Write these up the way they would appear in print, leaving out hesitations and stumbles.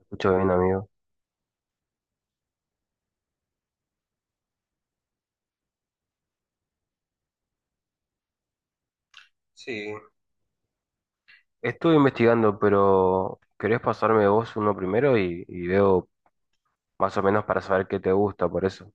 Escucha bien, amigo. Sí, estuve investigando, pero ¿querés pasarme vos uno primero y veo más o menos para saber qué te gusta por eso?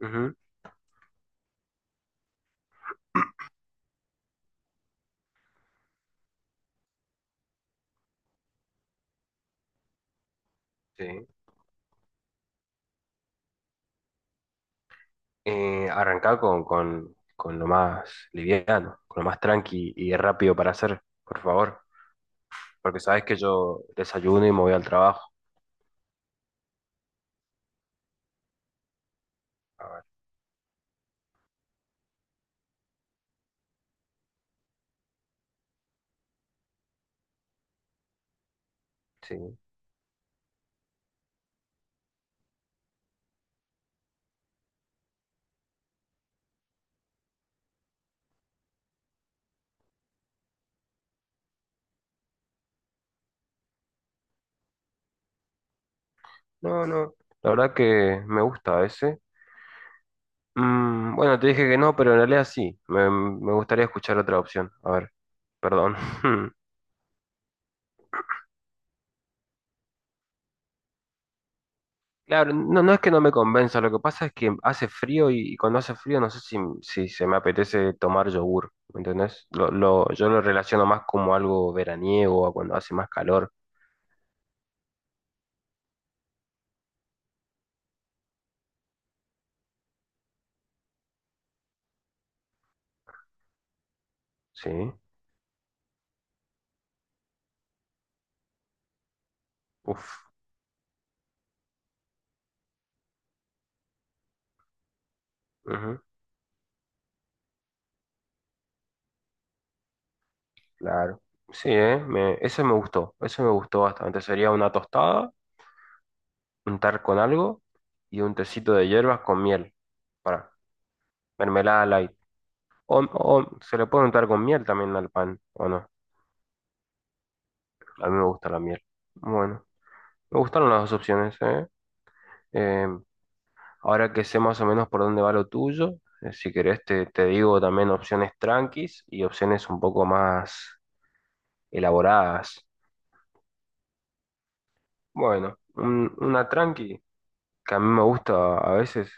Ujú, sí. Arrancá con lo más liviano, con lo más tranqui y rápido para hacer, por favor. Porque sabes que yo desayuno y me voy al trabajo. A ver. Sí. No, no, la verdad que me gusta ese. Mm, bueno, te dije que no, pero en realidad sí. Me gustaría escuchar otra opción. A ver, perdón. Claro, no, no es que no me convenza, lo que pasa es que hace frío y cuando hace frío no sé si se me apetece tomar yogur, ¿me entendés? Yo lo relaciono más como algo veraniego, a cuando hace más calor. ¿Sí? Uf, ujú, claro. Sí, ¿eh? Ese me gustó, ese me gustó bastante. Sería una tostada, untar con algo y un tecito de hierbas con miel, para mermelada light. O, o se le puede untar con miel también al pan, ¿o no? A mí me gusta la miel. Bueno. Me gustaron las dos opciones, ¿eh? Eh, Ahora que sé más o menos por dónde va lo tuyo, si querés te digo también opciones tranquis y opciones un poco más elaboradas. Bueno, una tranqui que a mí me gusta a veces,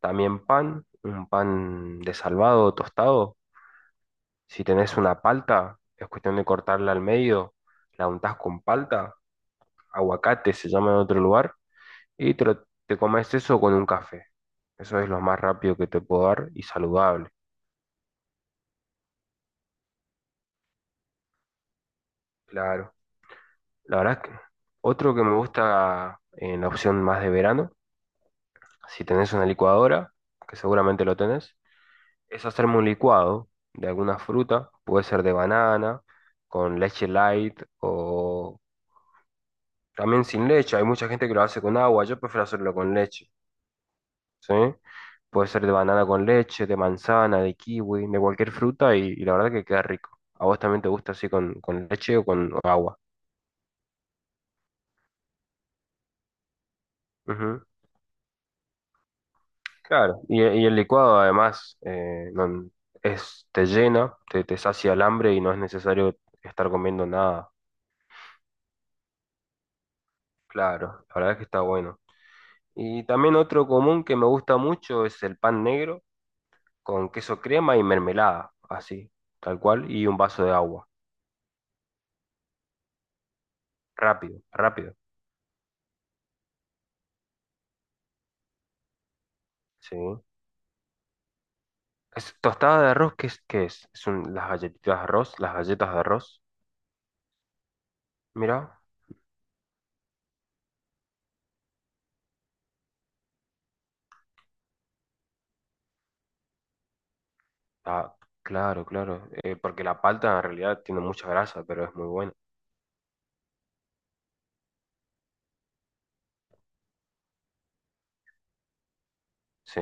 también pan, un pan de salvado, tostado. Si tenés una palta, es cuestión de cortarla al medio, la untás con palta, aguacate se llama en otro lugar. Te comes eso con un café. Eso es lo más rápido que te puedo dar, y saludable. Claro. La verdad es que otro que me gusta, en la opción más de verano, si tenés una licuadora, que seguramente lo tenés, es hacerme un licuado de alguna fruta. Puede ser de banana, con leche light, o también sin leche. Hay mucha gente que lo hace con agua. Yo prefiero hacerlo con leche. ¿Sí? Puede ser de banana con leche, de manzana, de kiwi, de cualquier fruta y la verdad que queda rico. ¿A vos también te gusta así con leche o con agua? Ujú. Claro, y el licuado además, es, te llena, te sacia el hambre y no es necesario estar comiendo nada. Claro, la verdad es que está bueno. Y también otro común que me gusta mucho es el pan negro con queso crema y mermelada, así, tal cual, y un vaso de agua. Rápido, rápido. Sí. Es tostada de arroz, ¿qué es? ¿Qué es? Son las galletitas de arroz, las galletas de arroz. Mira. Ah, claro, claro. Porque la palta en realidad tiene mucha grasa, pero es muy buena. Sí,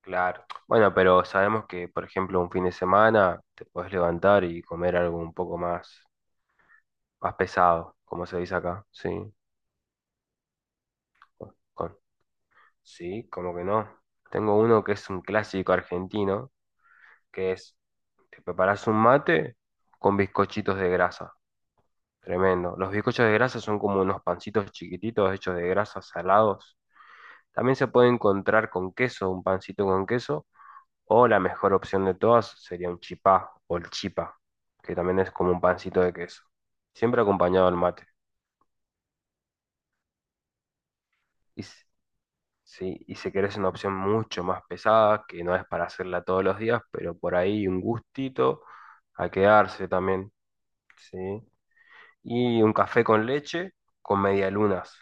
claro. Bueno, pero sabemos que, por ejemplo, un fin de semana te puedes levantar y comer algo un poco más, más pesado, como se dice acá. Sí. Con, con- sí, como que no. Tengo uno que es un clásico argentino, que es, te preparas un mate con bizcochitos de grasa. Tremendo. Los bizcochos de grasa son como unos pancitos chiquititos hechos de grasa, salados. También se puede encontrar con queso, un pancito con queso, o la mejor opción de todas sería un chipá o el chipa, que también es como un pancito de queso. Siempre acompañado al mate. Y, s- sí, y si querés una opción mucho más pesada, que no es para hacerla todos los días, pero por ahí un gustito a quedarse también, ¿sí? Y un café con leche con medialunas,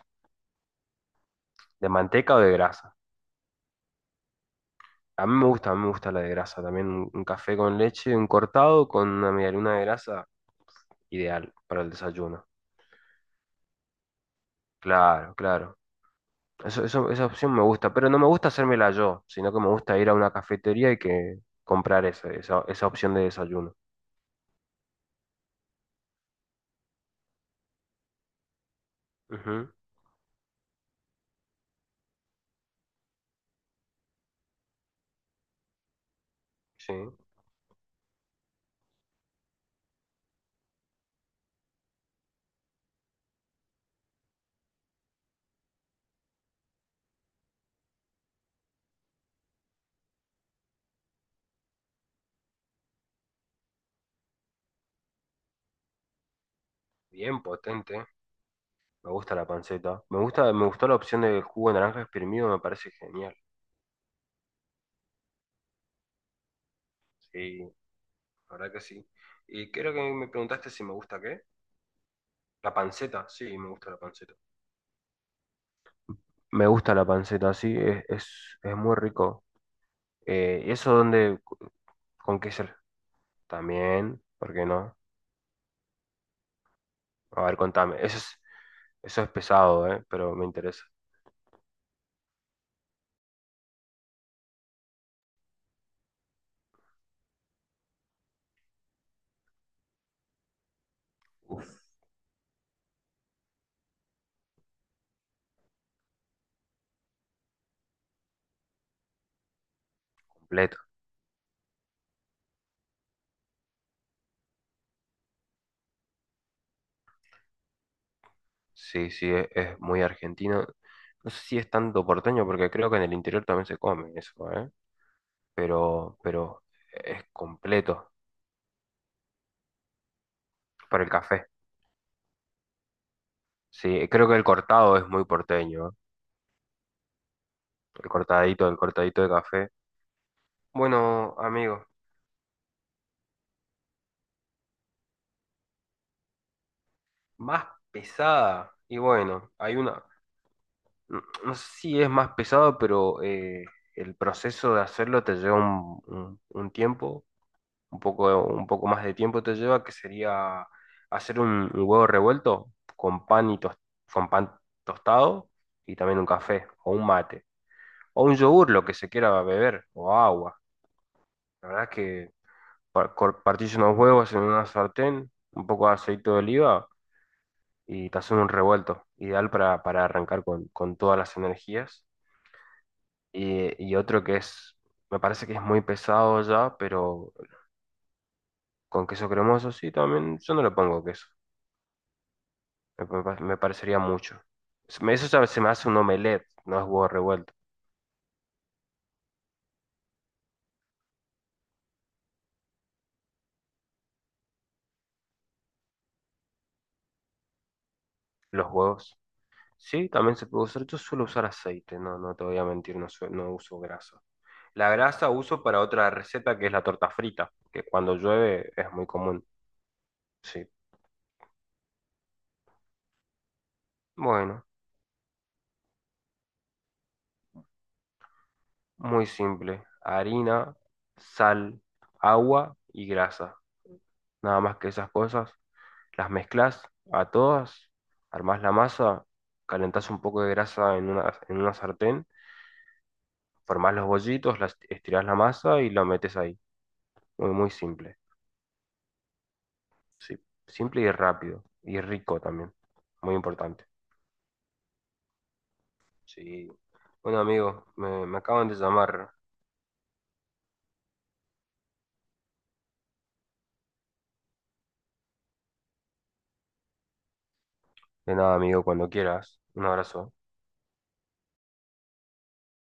de manteca o de grasa. A mí me gusta, a mí me gusta la de grasa también. Un café con leche, un cortado con una medialuna de grasa, ideal para el desayuno. Claro, claro. Esa opción me gusta, pero no me gusta hacérmela yo, sino que me gusta ir a una cafetería y que comprar esa opción de desayuno. Ujú. Sí, bien potente. Me gusta la panceta. Me gusta, me gustó la opción del jugo de naranja exprimido, me parece genial. Sí, la verdad que sí. Y creo que me preguntaste si me gusta qué. La panceta, sí, me gusta la panceta. Me gusta la panceta, sí, es muy rico. ¿Y eso dónde, con queso? También, ¿por qué no? A ver, contame. Eso es pesado, ¿eh? Pero me interesa. Uf. Completo. Sí, sí, es muy argentino. No sé si es tanto porteño, porque creo que en el interior también se come eso, ¿eh? Pero es completo para el café. Sí, creo que el cortado es muy porteño, ¿eh? El cortadito de café. Bueno, amigo. Más pesada. Y bueno, hay una, no sé si es más pesado, pero el proceso de hacerlo te lleva un tiempo, un poco más de tiempo te lleva, que sería hacer un huevo revuelto con pan con pan tostado y también un café o un mate o un yogur, lo que se quiera beber o agua. La verdad es que partís unos huevos en una sartén, un poco de aceite de oliva y te hacen un revuelto, ideal para arrancar con todas las energías. Y otro que es, me parece que es muy pesado ya, pero con queso cremoso sí, también yo no le pongo queso, me parecería mucho. Se me- eso ya se me hace un omelette, no es huevo revuelto. Los huevos, sí, también se puede usar. Yo suelo usar aceite, no, no te voy a mentir, no, no uso grasa. La grasa uso para otra receta que es la torta frita, que cuando llueve es muy común. Sí. Bueno. Muy simple. Harina, sal, agua y grasa. Nada más que esas cosas. Las mezclas a todas, armás la masa, calentás un poco de grasa en en una sartén, formás los bollitos, las, estirás la masa y la metes ahí. Muy, muy simple. Sí, simple y rápido. Y rico también. Muy importante. Sí. Bueno, amigo, me acaban de llamar. De nada, amigo, cuando quieras. Un abrazo.